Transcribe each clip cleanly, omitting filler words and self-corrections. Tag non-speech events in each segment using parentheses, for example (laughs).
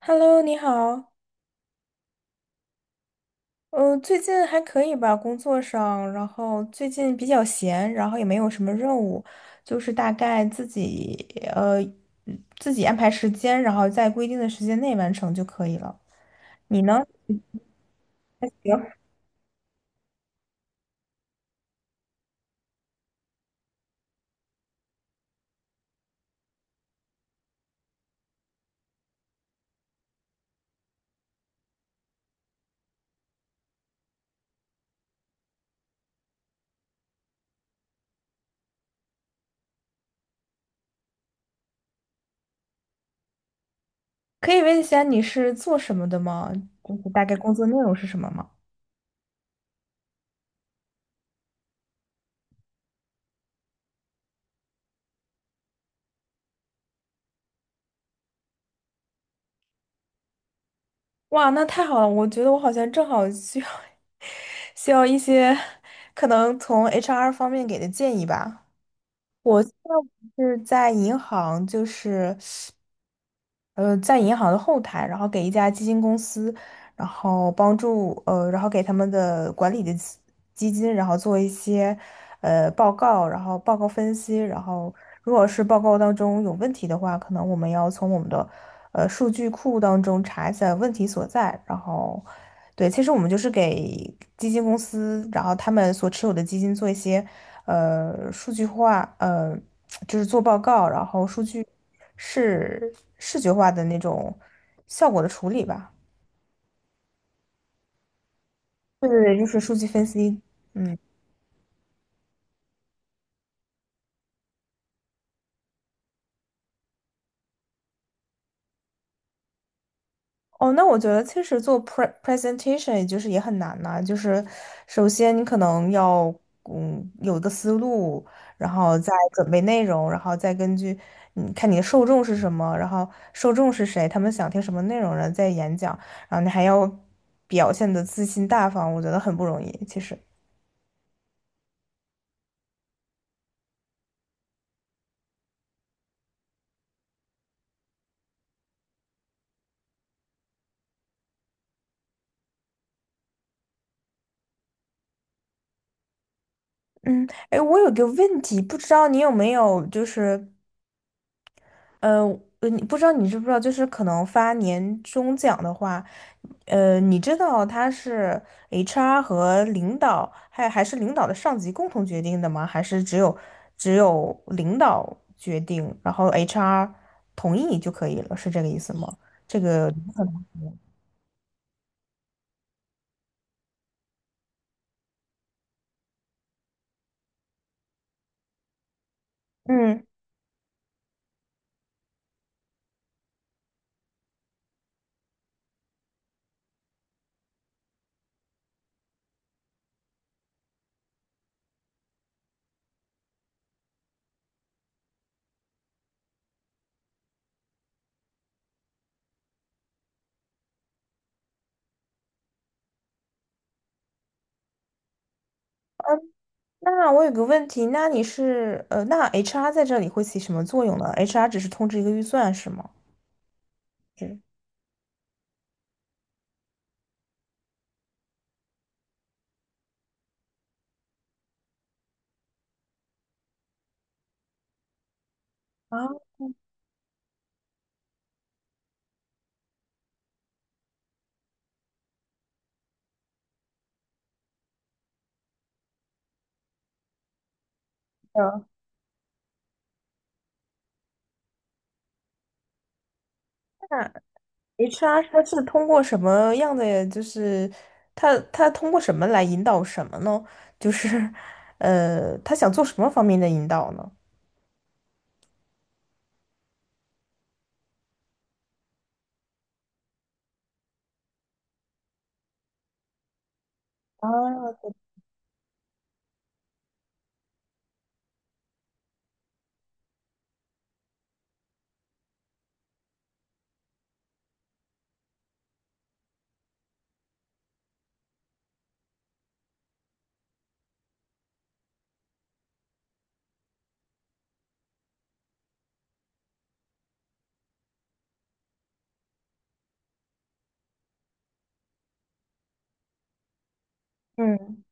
Hello，你好。最近还可以吧，工作上，然后最近比较闲，然后也没有什么任务，就是大概自己呃自己安排时间，然后在规定的时间内完成就可以了。你呢？还行。可以问一下你是做什么的吗？就是大概工作内容是什么吗？哇，那太好了！我觉得我好像正好需要 (laughs) 需要一些可能从 HR 方面给的建议吧。就是在银行，就是。在银行的后台，然后给一家基金公司，然后帮助然后给他们的管理的基金，然后做一些报告，然后报告分析，然后如果是报告当中有问题的话，可能我们要从我们的数据库当中查一下问题所在，然后。对，其实我们就是给基金公司，然后他们所持有的基金做一些数据化，就是做报告，然后数据视觉化的那种效果的处理吧。对对对，就是数据分析。嗯。哦，那我觉得其实做 presentation 也就是也很难呐、就是首先你可能要有一个思路，然后再准备内容，然后再根据你看你的受众是什么，然后受众是谁，他们想听什么内容，然后再演讲，然后你还要表现的自信大方，我觉得很不容易，其实。嗯，哎，我有个问题，不知道你有没有就是。呃，你不知道你知不知道，就是可能发年终奖的话，你知道它是 HR 和领导，还是领导的上级共同决定的吗？还是只有领导决定，然后 HR 同意就可以了，是这个意思吗？这个，嗯，那我有个问题，那你是呃，那 HR 在这里会起什么作用呢？HR 只是通知一个预算是吗？是。啊，HR 他是通过什么样的，就是他通过什么来引导什么呢？就是 (laughs) 他想做什么方面的引导呢？啊，嗯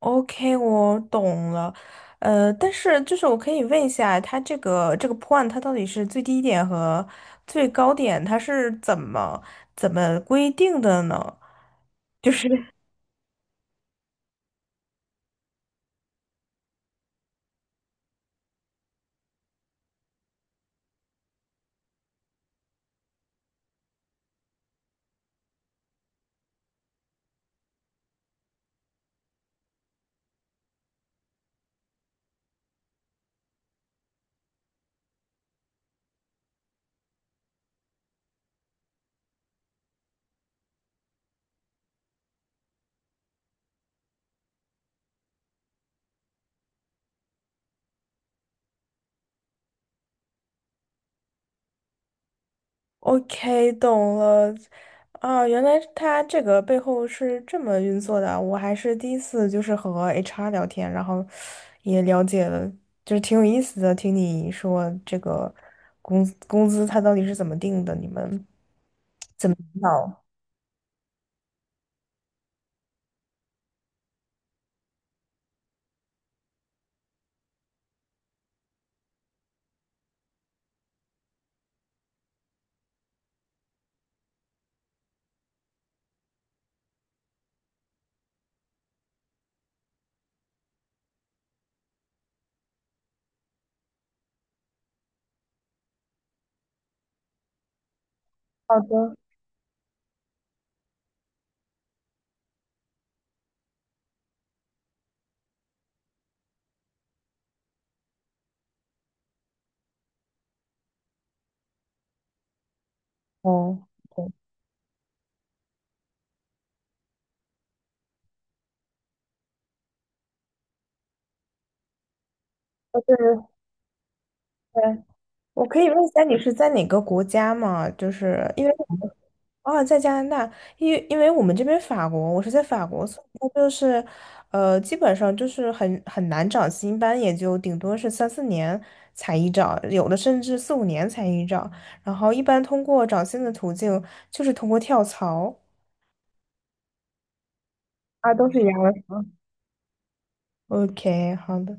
，OK，我懂了。但是就是我可以问一下，他这个 point 它到底是最低点和最高点，它是怎么规定的呢？就是。OK，懂了。啊，原来他这个背后是这么运作的。啊，我还是第一次就是和 HR 聊天，然后也了解了，就是挺有意思的。听你说这个工资他到底是怎么定的？你们好，好的，哦，对，哦，对对对，我可以问一下你是在哪个国家吗？就是因为。啊，在加拿大，因为我们这边法国，我是在法国，所以就是，基本上就是很难找新班，也就顶多是三四年才一找，有的甚至四五年才一找，然后一般通过找新的途径就是通过跳槽啊，都是一样的。OK，好的。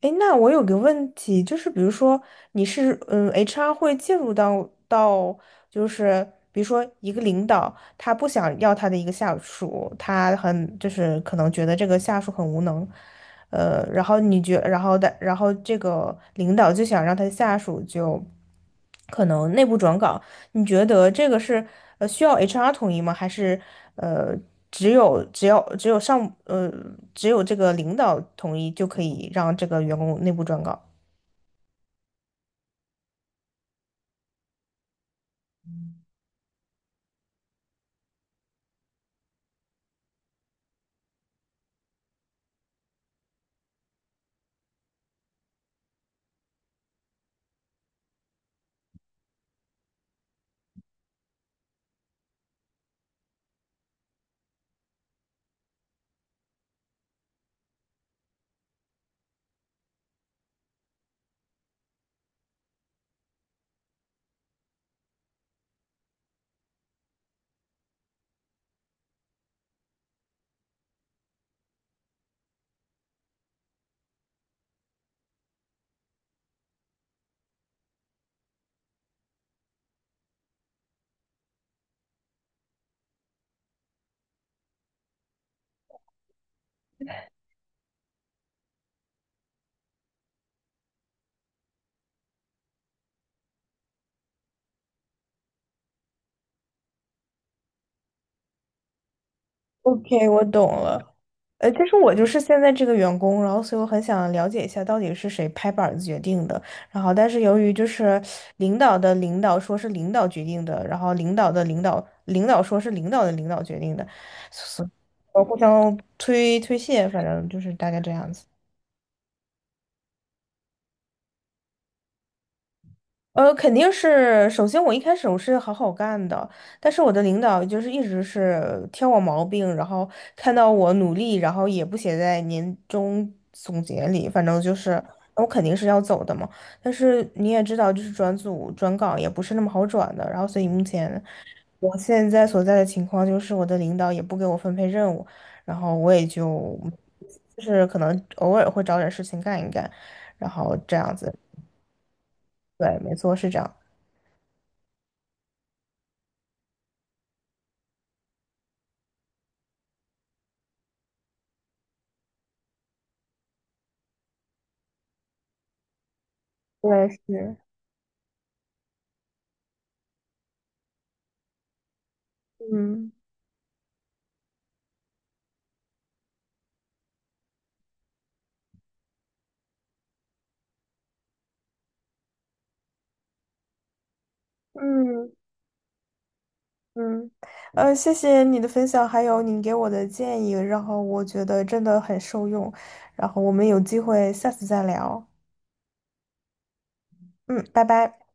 哎，那我有个问题，就是比如说你是HR 会介入到，就是比如说一个领导他不想要他的一个下属，他很就是可能觉得这个下属很无能，然后你觉然后的然后这个领导就想让他下属就可能内部转岗，你觉得这个是需要 HR 统一吗？还是呃只有只要只有上呃只有这个领导统一就可以让这个员工内部转岗？OK，我懂了。其实我就是现在这个员工，然后所以我很想了解一下到底是谁拍板子决定的。然后，但是由于就是领导的领导说是领导决定的，然后领导的领导说是领导的领导决定的，互相推卸，反正就是大概这样子。肯定是，首先我一开始我是好好干的，但是我的领导就是一直是挑我毛病，然后看到我努力，然后也不写在年终总结里，反正就是我肯定是要走的嘛。但是你也知道，就是转组转岗也不是那么好转的，然后所以目前我现在所在的情况就是我的领导也不给我分配任务，然后我也就是可能偶尔会找点事情干一干，然后这样子，对，没错，是这样，对，是。嗯嗯嗯，谢谢你的分享，还有你给我的建议，然后我觉得真的很受用，然后我们有机会下次再聊，嗯，拜拜。